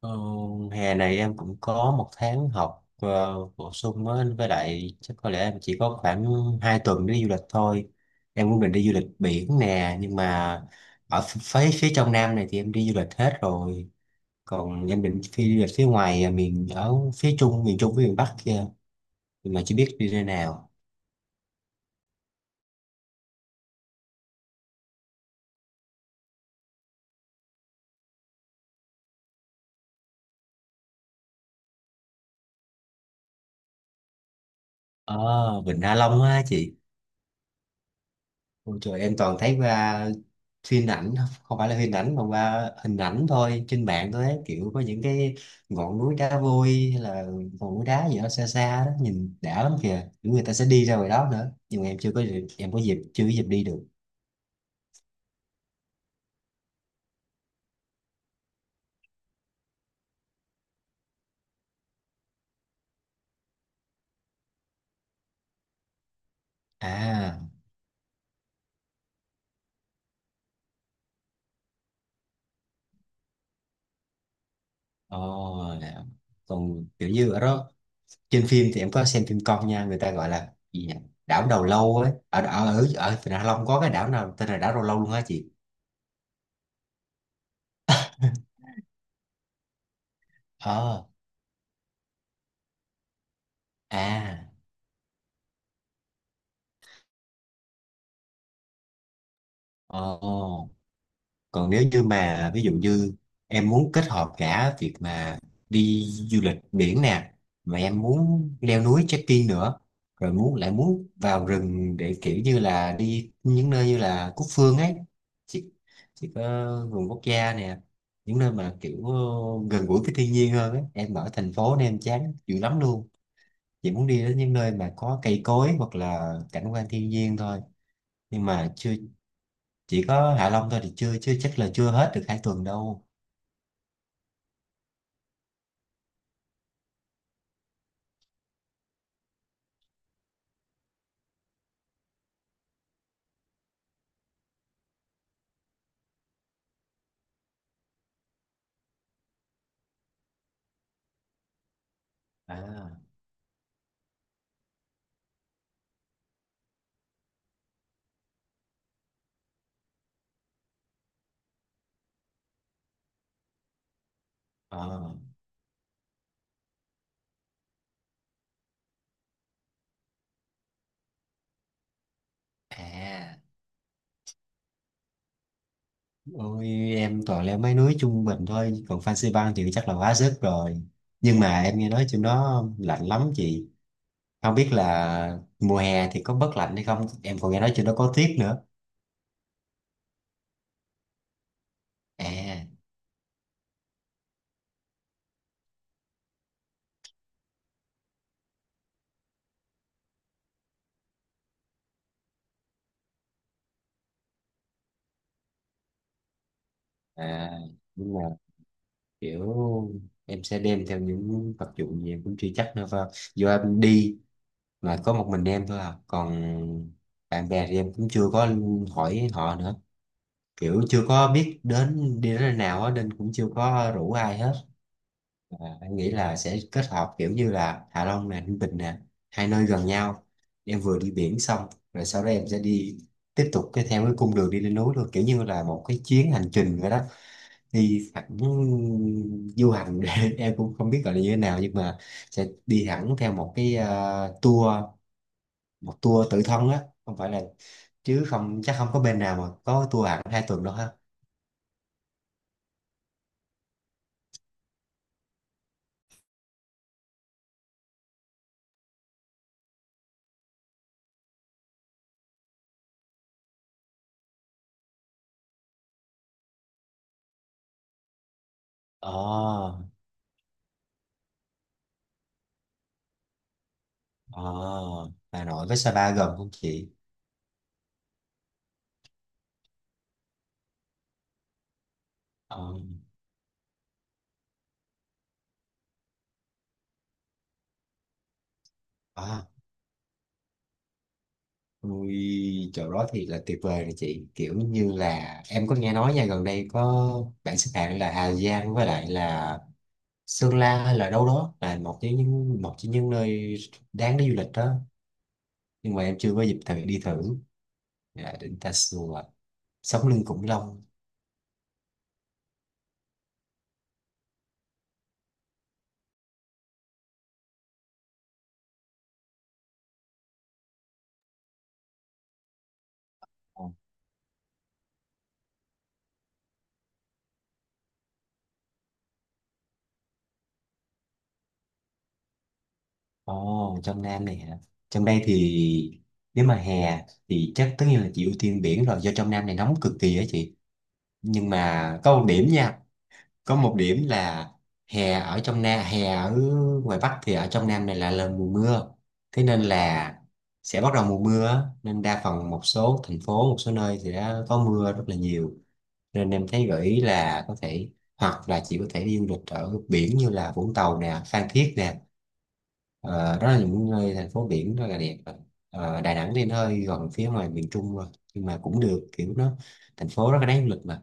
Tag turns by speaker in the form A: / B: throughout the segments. A: Ờ, Hè này em cũng có một tháng học bổ sung á, với lại chắc có lẽ em chỉ có khoảng 2 tuần đi du lịch thôi. Em cũng định đi du lịch biển nè, nhưng mà ở ph- phía phía trong Nam này thì em đi du lịch hết rồi. Còn em định đi du lịch phía ngoài miền ở phía Trung, miền Trung với miền Bắc kia, nhưng mà chưa biết đi nơi nào. Ờ, Vịnh Hạ Long á chị. Ôi trời, em toàn thấy qua phim ảnh, không phải là phim ảnh mà qua hình ảnh thôi trên mạng thôi ấy. Kiểu có những cái ngọn núi đá vôi hay là ngọn núi đá gì đó xa xa đó, nhìn đã lắm kìa, những người ta sẽ đi ra ngoài đó nữa, nhưng mà em chưa có dịp- em có dịp chưa có dịp đi được. à ồ là- Còn kiểu như ở đó trên phim thì em có xem phim con nha, người ta gọi là gì nhỉ? Đảo Đầu Lâu ấy, ở ở ở ở Vịnh Hạ Long có cái đảo nào tên là đảo Đầu Lâu luôn hả chị? Ờ à ồ Còn nếu như mà ví dụ như em muốn kết hợp cả việc mà đi du lịch biển nè, mà em muốn leo núi trekking nữa, rồi lại muốn vào rừng để kiểu như là đi những nơi như là Cúc Phương ấy, chỉ, chỉ có vườn quốc gia nè, những nơi mà kiểu gần gũi với thiên nhiên hơn ấy, em ở thành phố nên em chán dữ lắm luôn, chỉ muốn đi đến những nơi mà có cây cối hoặc là cảnh quan thiên nhiên thôi, nhưng mà chưa, chỉ có Hạ Long thôi thì chưa chưa chắc là chưa hết được 2 tuần đâu. à ờ à Ôi, em toàn leo mấy núi trung bình thôi, còn Fansipan Bang thì chắc là quá sức rồi. Nhưng mà em nghe nói trên đó lạnh lắm chị, không biết là mùa hè thì có bớt lạnh hay không, em còn nghe nói trên đó có tuyết nữa. à à nhưng mà kiểu em sẽ đem theo những vật dụng gì em cũng chưa chắc nữa, vào do em đi mà có một mình em thôi à, còn bạn bè thì em cũng chưa có hỏi họ nữa, kiểu chưa có biết đi đến nơi nào á nên cũng chưa có rủ ai hết. Anh nghĩ là sẽ kết hợp kiểu như là Hạ Long nè, Ninh Bình nè, hai nơi gần nhau, em vừa đi biển xong rồi sau đó em sẽ đi tiếp tục cái theo cái cung đường đi lên núi luôn, kiểu như là một cái chuyến hành trình vậy đó, đi thẳng du hành. Em cũng không biết gọi là như thế nào, nhưng mà sẽ đi hẳn theo một cái tour, một tour tự thân á, không phải là chứ không chắc không có bên nào mà có tour hẳn 2 tuần đâu ha. Ồ Ờ, Hà Nội với Sapa gần không chị? Ờ, à, ui, chỗ đó thì là tuyệt vời rồi chị. Kiểu như là em có nghe nói nha, gần đây có bạn xếp hạng là Hà Giang với lại là Sơn La hay là đâu đó là một trong những nơi đáng để du lịch đó. Nhưng mà em chưa có dịp thời đi thử. Dạ, đỉnh Tà Xùa, sống lưng Khủng Long. Ồ, trong Nam này hả? Trong đây thì nếu mà hè thì chắc tất nhiên là chị ưu tiên biển rồi, do trong Nam này nóng cực kỳ á chị. Nhưng mà có một điểm là hè ở trong Nam, hè ở ngoài Bắc thì ở trong Nam này là mùa mưa, thế nên là sẽ bắt đầu mùa mưa á, nên đa phần một số thành phố một số nơi thì đã có mưa rất là nhiều, nên em thấy gợi ý là có thể hoặc là chị có thể đi du lịch ở biển như là Vũng Tàu nè, Phan Thiết nè. Ờ, đó là những nơi thành phố biển rất là đẹp rồi. Ờ, Đà Nẵng thì nó hơi gần phía ngoài miền Trung rồi, nhưng mà cũng được, kiểu nó thành phố rất là đáng du lịch mà.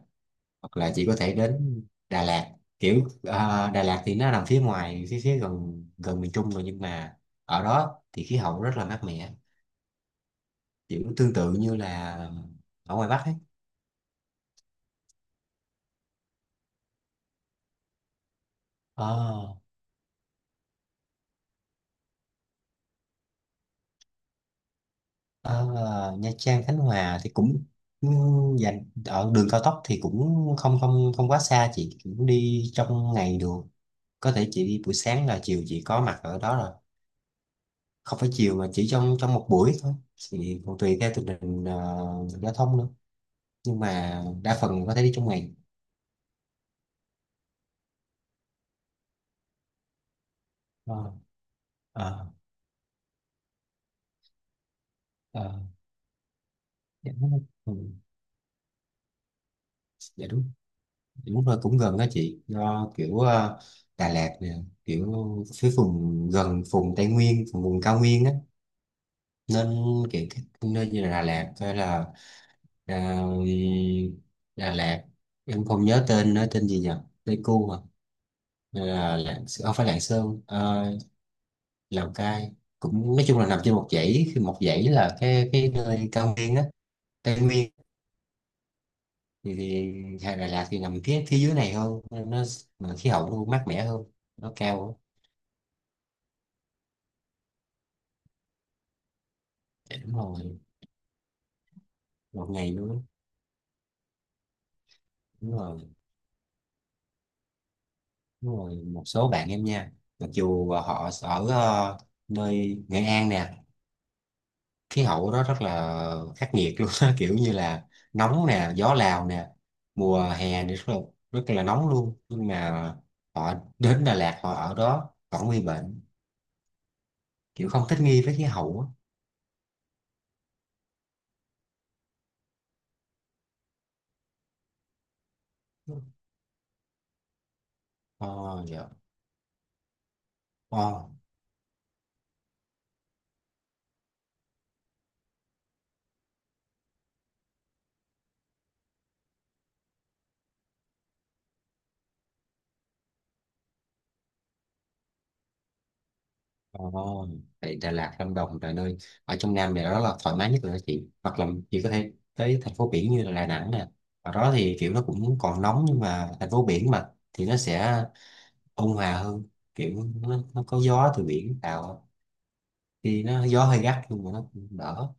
A: Hoặc là chị có thể đến Đà Lạt, kiểu Đà Lạt thì nó nằm phía ngoài phía phía gần gần miền Trung rồi, nhưng mà ở đó thì khí hậu rất là mát mẻ, kiểu tương tự như là ở ngoài Bắc ấy. Ờ, ở Nha Trang Khánh Hòa thì cũng dành ở đường cao tốc thì cũng không không không quá xa, chị cũng đi trong ngày được, có thể chị đi buổi sáng là chiều chị có mặt ở đó rồi, không phải chiều mà chỉ trong trong một buổi thôi, thì còn tùy theo tình hình giao thông nữa, nhưng mà đa phần có thể đi trong ngày. Ờ, ờ, ờ, dạ đúng rồi. Ừ, dạ đúng. Dạ đúng rồi, cũng gần đó chị, do kiểu Đà Lạt nè, kiểu phía vùng gần vùng Tây Nguyên, vùng cao nguyên á, nên kiểu các nơi như là Đà Lạt hay là à, Đà Lạt, em không nhớ tên nó tên gì nhỉ, Pleiku à, hay là Lạng, không phải Lạng Sơn, Lào Cai, cũng nói chung là nằm trên một dãy, khi một dãy là cái nơi cao nguyên á, Tây Nguyên, thì, thì hay Đà Lạt thì nằm phía phía dưới này hơn nên nó, mà khí hậu nó mát mẻ hơn, nó cao, á đúng rồi, một ngày nữa, đúng rồi. Đúng rồi, một số bạn em nha, mặc dù họ ở nơi Nghệ An nè, khí hậu đó rất là khắc nghiệt luôn. Kiểu như là nóng nè, gió Lào nè, mùa hè thì rất là nóng luôn, nhưng mà họ đến Đà Lạt họ ở đó vẫn nguy bệnh, kiểu không thích nghi với khí hậu á. Ồ, dạ. Ồ, Ồ, vậy Đà Lạt, Lâm Đồng là nơi ở trong Nam này đó là thoải mái nhất rồi đó chị, hoặc là chị có thể tới thành phố biển như là Đà Nẵng nè, ở đó thì kiểu nó cũng còn nóng nhưng mà thành phố biển mà thì nó sẽ ôn hòa hơn, kiểu nó có gió từ biển vào á, thì nó gió hơi gắt nhưng mà nó cũng đỡ.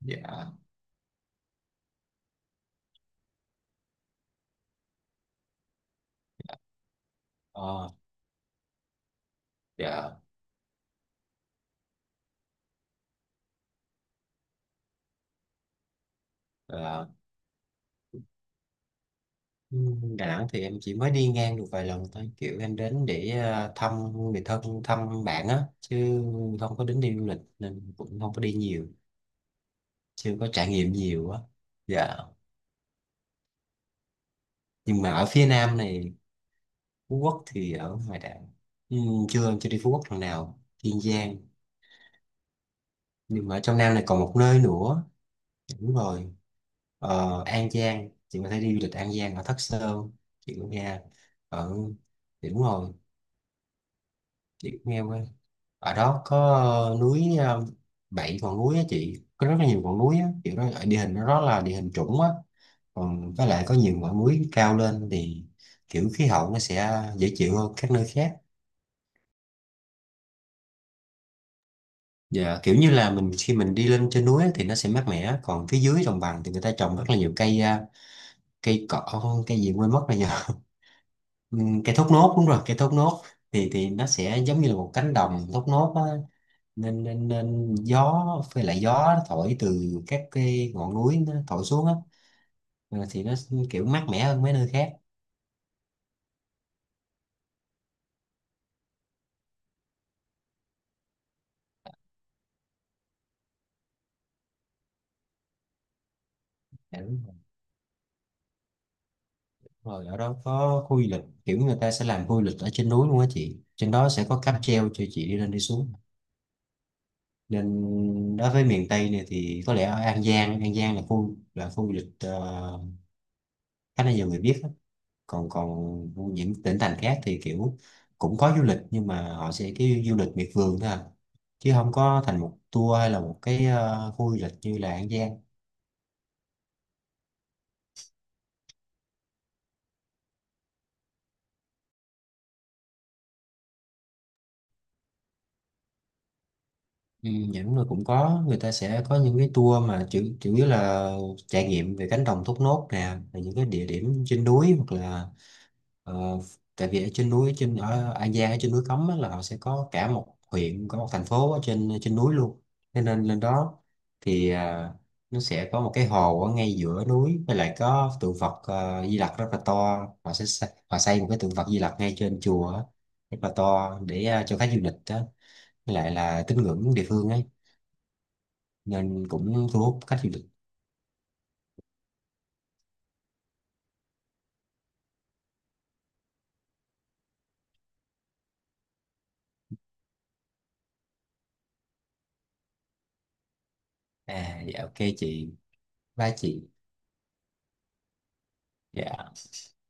A: Dạ, ờ, dạ. Ờ, ừ, Đà Nẵng thì em chỉ mới đi ngang được vài lần thôi, kiểu em đến để thăm người thân, thăm bạn á, chứ không có đến đi du lịch nên cũng không có đi nhiều, chưa có trải nghiệm nhiều á. Dạ. Nhưng mà ở phía Nam này, Phú Quốc thì ở ngoài đảo, nhưng chưa chưa đi Phú Quốc lần nào, Kiên Giang. Nhưng mà ở trong Nam này còn một nơi nữa, đúng rồi, An Giang, chị có thể đi du lịch An Giang ở Thất Sơn, chị cũng nghe, ở thì đúng rồi, chị cũng nghe qua, ở đó có ờ, núi ờ, bảy ngọn núi á chị, có rất là nhiều ngọn núi á, kiểu đó ở địa hình nó, đó là địa hình trũng á, còn với lại có nhiều ngọn núi cao lên thì kiểu khí hậu nó sẽ dễ chịu hơn các nơi khác. Dạ, kiểu như là mình khi mình đi lên trên núi á thì nó sẽ mát mẻ, còn phía dưới đồng bằng thì người ta trồng rất là nhiều cây cây cỏ cây gì quên mất rồi nhờ. Cây thốt nốt, đúng rồi cây thốt nốt, thì nó sẽ giống như là một cánh đồng thốt nốt á, nên nên nên gió, với lại gió nó thổi từ các cái ngọn núi nó thổi xuống á, thì nó kiểu mát mẻ hơn mấy nơi khác. Dạ, đúng rồi. Rồi ở đó có khu du lịch, kiểu người ta sẽ làm khu du lịch ở trên núi luôn á chị, trên đó sẽ có cáp treo cho chị đi lên đi xuống, nên đối với miền Tây này thì có lẽ ở An Giang là khu du lịch khá là nhiều người biết á, còn còn những tỉnh thành khác thì kiểu cũng có du lịch nhưng mà họ sẽ cái du lịch miệt vườn thôi à, chứ không có thành một tour hay là một cái khu du lịch như là An Giang. Ừ, dạ đúng rồi, cũng có người ta sẽ có những cái tour mà chủ chủ yếu là trải nghiệm về cánh đồng thốt nốt nè và những cái địa điểm trên núi, hoặc là ờ, tại vì ở trên núi, trên ở An Giang ở trên núi Cấm á, là họ sẽ có cả một huyện, có một thành phố ở trên trên núi luôn, thế nên lên đó thì nó sẽ có một cái hồ ở ngay giữa núi, với lại có tượng Phật Di Lặc rất là to, họ xây một cái tượng Phật Di Lặc ngay trên chùa á, rất là to để cho khách du lịch đó, với lại là tín ngưỡng địa phương ấy, nên cũng thu hút khách du lịch. Dạ ok chị, ba chị, dạ.